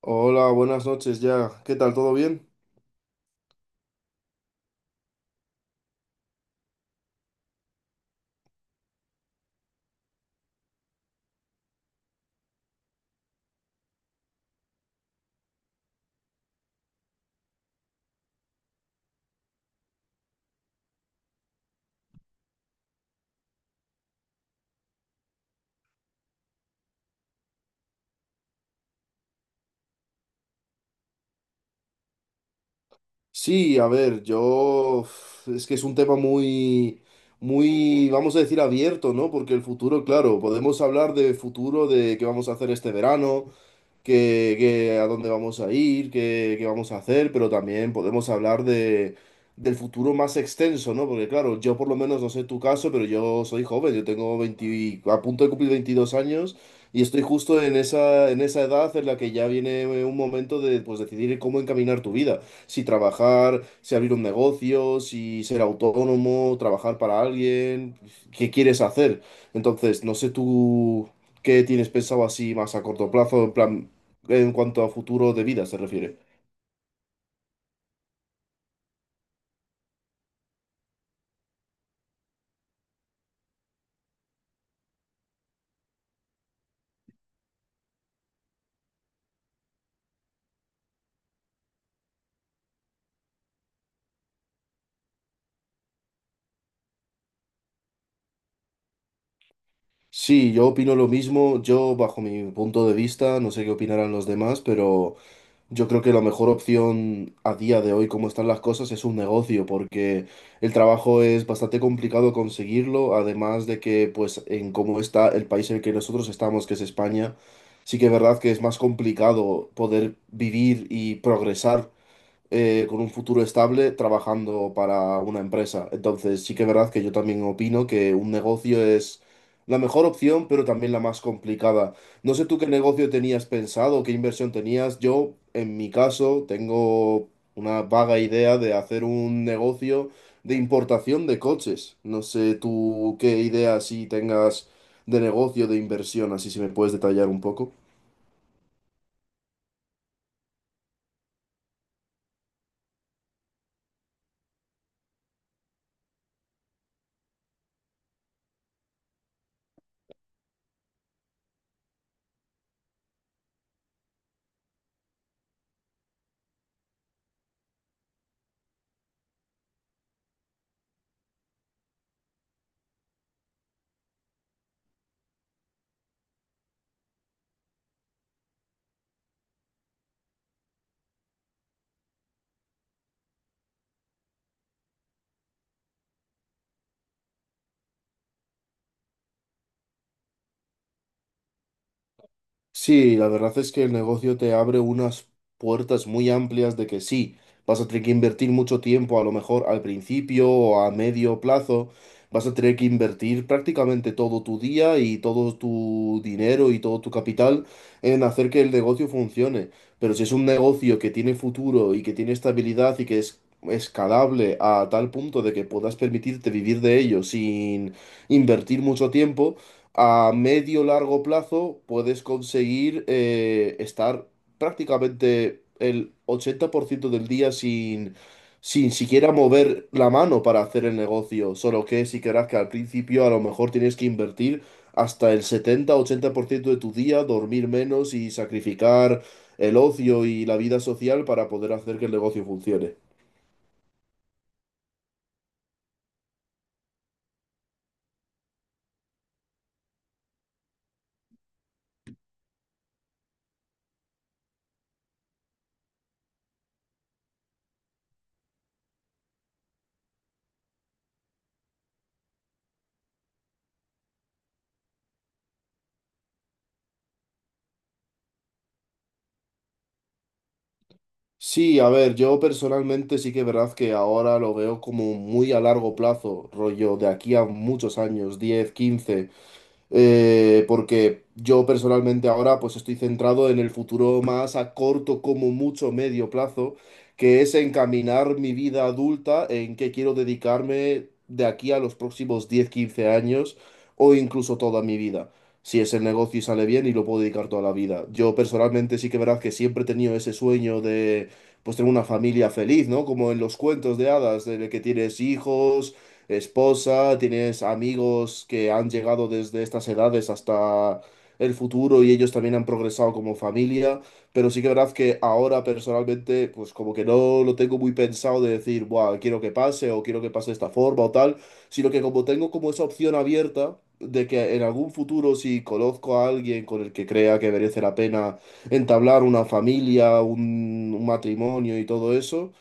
Hola, buenas noches ya. ¿Qué tal? ¿Todo bien? Sí, a ver, yo es que es un tema muy, muy, vamos a decir, abierto, ¿no? Porque el futuro, claro, podemos hablar de futuro, de qué vamos a hacer este verano, que a dónde vamos a ir, qué vamos a hacer, pero también podemos hablar del futuro más extenso, ¿no? Porque claro, yo por lo menos no sé tu caso, pero yo soy joven, yo tengo 20, a punto de cumplir 22 años y estoy justo en esa edad en la que ya viene un momento de pues decidir cómo encaminar tu vida, si trabajar, si abrir un negocio, si ser autónomo, trabajar para alguien, qué quieres hacer. Entonces, no sé tú... ¿Qué tienes pensado así más a corto plazo? En plan, en cuanto a futuro de vida se refiere. Sí, yo opino lo mismo. Yo, bajo mi punto de vista, no sé qué opinarán los demás, pero yo creo que la mejor opción a día de hoy, como están las cosas, es un negocio, porque el trabajo es bastante complicado conseguirlo, además de que, pues, en cómo está el país en el que nosotros estamos, que es España, sí que es verdad que es más complicado poder vivir y progresar con un futuro estable trabajando para una empresa. Entonces, sí que es verdad que yo también opino que un negocio es la mejor opción, pero también la más complicada. No sé tú qué negocio tenías pensado, qué inversión tenías. Yo, en mi caso, tengo una vaga idea de hacer un negocio de importación de coches. No sé tú qué idea si tengas de negocio, de inversión, así si me puedes detallar un poco. Sí, la verdad es que el negocio te abre unas puertas muy amplias de que sí, vas a tener que invertir mucho tiempo, a lo mejor al principio o a medio plazo, vas a tener que invertir prácticamente todo tu día y todo tu dinero y todo tu capital en hacer que el negocio funcione. Pero si es un negocio que tiene futuro y que tiene estabilidad y que es escalable a tal punto de que puedas permitirte vivir de ello sin invertir mucho tiempo, a medio largo plazo puedes conseguir estar prácticamente el 80% del día sin siquiera mover la mano para hacer el negocio. Solo que si querrás que al principio a lo mejor tienes que invertir hasta el 70-80% de tu día, dormir menos y sacrificar el ocio y la vida social para poder hacer que el negocio funcione. Sí, a ver, yo personalmente sí que es verdad que ahora lo veo como muy a largo plazo, rollo de aquí a muchos años, 10, 15 porque yo personalmente ahora pues estoy centrado en el futuro más a corto como mucho medio plazo, que es encaminar mi vida adulta en qué quiero dedicarme de aquí a los próximos 10, 15 años o incluso toda mi vida. Si es el negocio y sale bien y lo puedo dedicar toda la vida. Yo personalmente sí que verás que siempre he tenido ese sueño de pues tener una familia feliz, ¿no? Como en los cuentos de hadas, de que tienes hijos, esposa, tienes amigos que han llegado desde estas edades hasta el futuro y ellos también han progresado como familia, pero sí que es verdad que ahora personalmente, pues como que no lo tengo muy pensado de decir: buah, quiero que pase o quiero que pase de esta forma o tal, sino que como tengo como esa opción abierta de que en algún futuro si conozco a alguien con el que crea que merece la pena entablar una familia, un matrimonio y todo eso,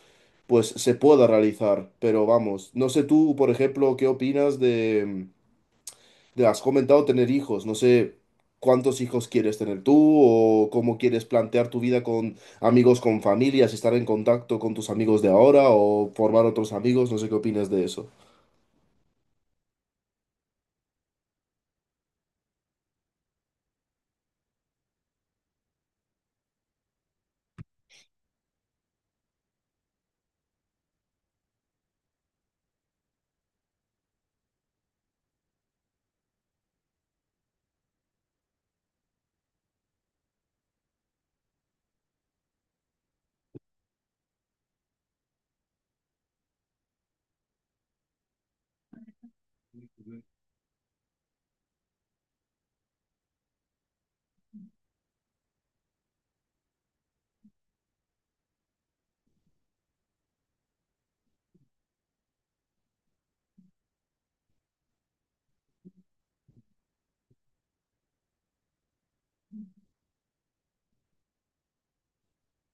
pues se pueda realizar. Pero vamos, no sé tú, por ejemplo, qué opinas de has comentado tener hijos, no sé cuántos hijos quieres tener tú o cómo quieres plantear tu vida con amigos, con familias, estar en contacto con tus amigos de ahora o formar otros amigos, no sé qué opinas de eso.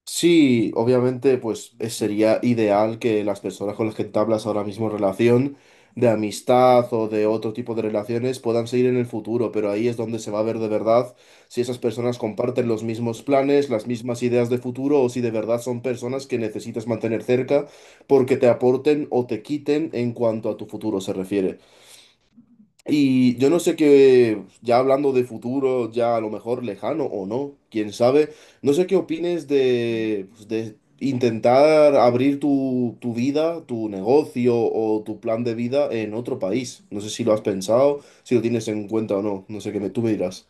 Sí, obviamente, pues sería ideal que las personas con las que entablas ahora mismo relación de amistad o de otro tipo de relaciones puedan seguir en el futuro, pero ahí es donde se va a ver de verdad si esas personas comparten los mismos planes, las mismas ideas de futuro o si de verdad son personas que necesitas mantener cerca porque te aporten o te quiten en cuanto a tu futuro se refiere. Y yo no sé qué, ya hablando de futuro, ya a lo mejor lejano o no, quién sabe, no sé qué opines de, pues, de intentar abrir tu vida, tu negocio o tu plan de vida en otro país. No sé si lo has pensado, si lo tienes en cuenta o no, no sé qué me, tú me dirás.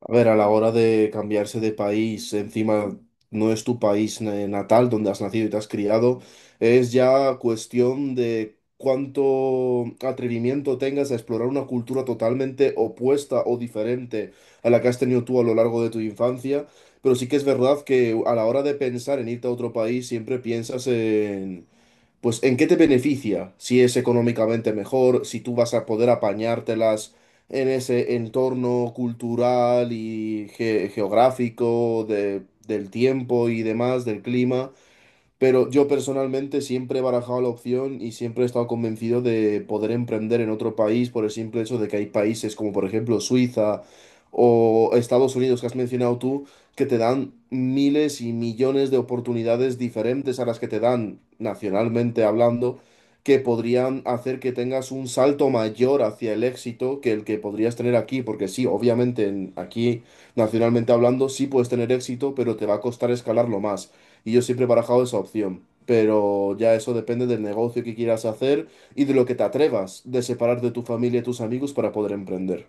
A ver, a la hora de cambiarse de país, encima no es tu país natal donde has nacido y te has criado, es ya cuestión de cuánto atrevimiento tengas a explorar una cultura totalmente opuesta o diferente a la que has tenido tú a lo largo de tu infancia. Pero sí que es verdad que a la hora de pensar en irte a otro país, siempre piensas pues ¿en qué te beneficia? Si es económicamente mejor, si tú vas a poder apañártelas en ese entorno cultural y geográfico del tiempo y demás, del clima. Pero yo personalmente siempre he barajado la opción y siempre he estado convencido de poder emprender en otro país por el simple hecho de que hay países como por ejemplo Suiza o Estados Unidos que has mencionado tú, que te dan miles y millones de oportunidades diferentes a las que te dan nacionalmente hablando, que podrían hacer que tengas un salto mayor hacia el éxito que el que podrías tener aquí, porque sí, obviamente aquí nacionalmente hablando sí puedes tener éxito, pero te va a costar escalarlo más. Y yo siempre he barajado esa opción. Pero ya eso depende del negocio que quieras hacer y de lo que te atrevas de separar de tu familia y tus amigos para poder emprender.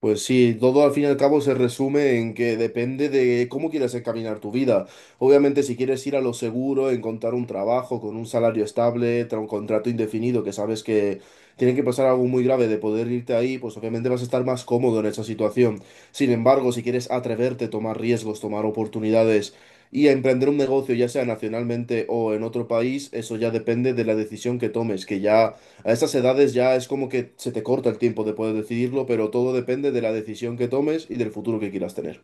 Pues sí, todo al fin y al cabo se resume en que depende de cómo quieres encaminar tu vida. Obviamente, si quieres ir a lo seguro, encontrar un trabajo con un salario estable, un contrato indefinido, que sabes que tiene que pasar algo muy grave de poder irte ahí, pues obviamente vas a estar más cómodo en esa situación. Sin embargo, si quieres atreverte, tomar riesgos, tomar oportunidades y a emprender un negocio, ya sea nacionalmente o en otro país, eso ya depende de la decisión que tomes, que ya a estas edades ya es como que se te corta el tiempo de poder decidirlo, pero todo depende de la decisión que tomes y del futuro que quieras tener.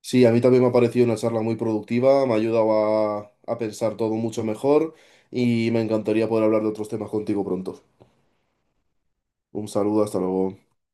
Sí, a mí también me ha parecido una charla muy productiva, me ha ayudado a pensar todo mucho mejor y me encantaría poder hablar de otros temas contigo pronto. Un saludo, hasta luego.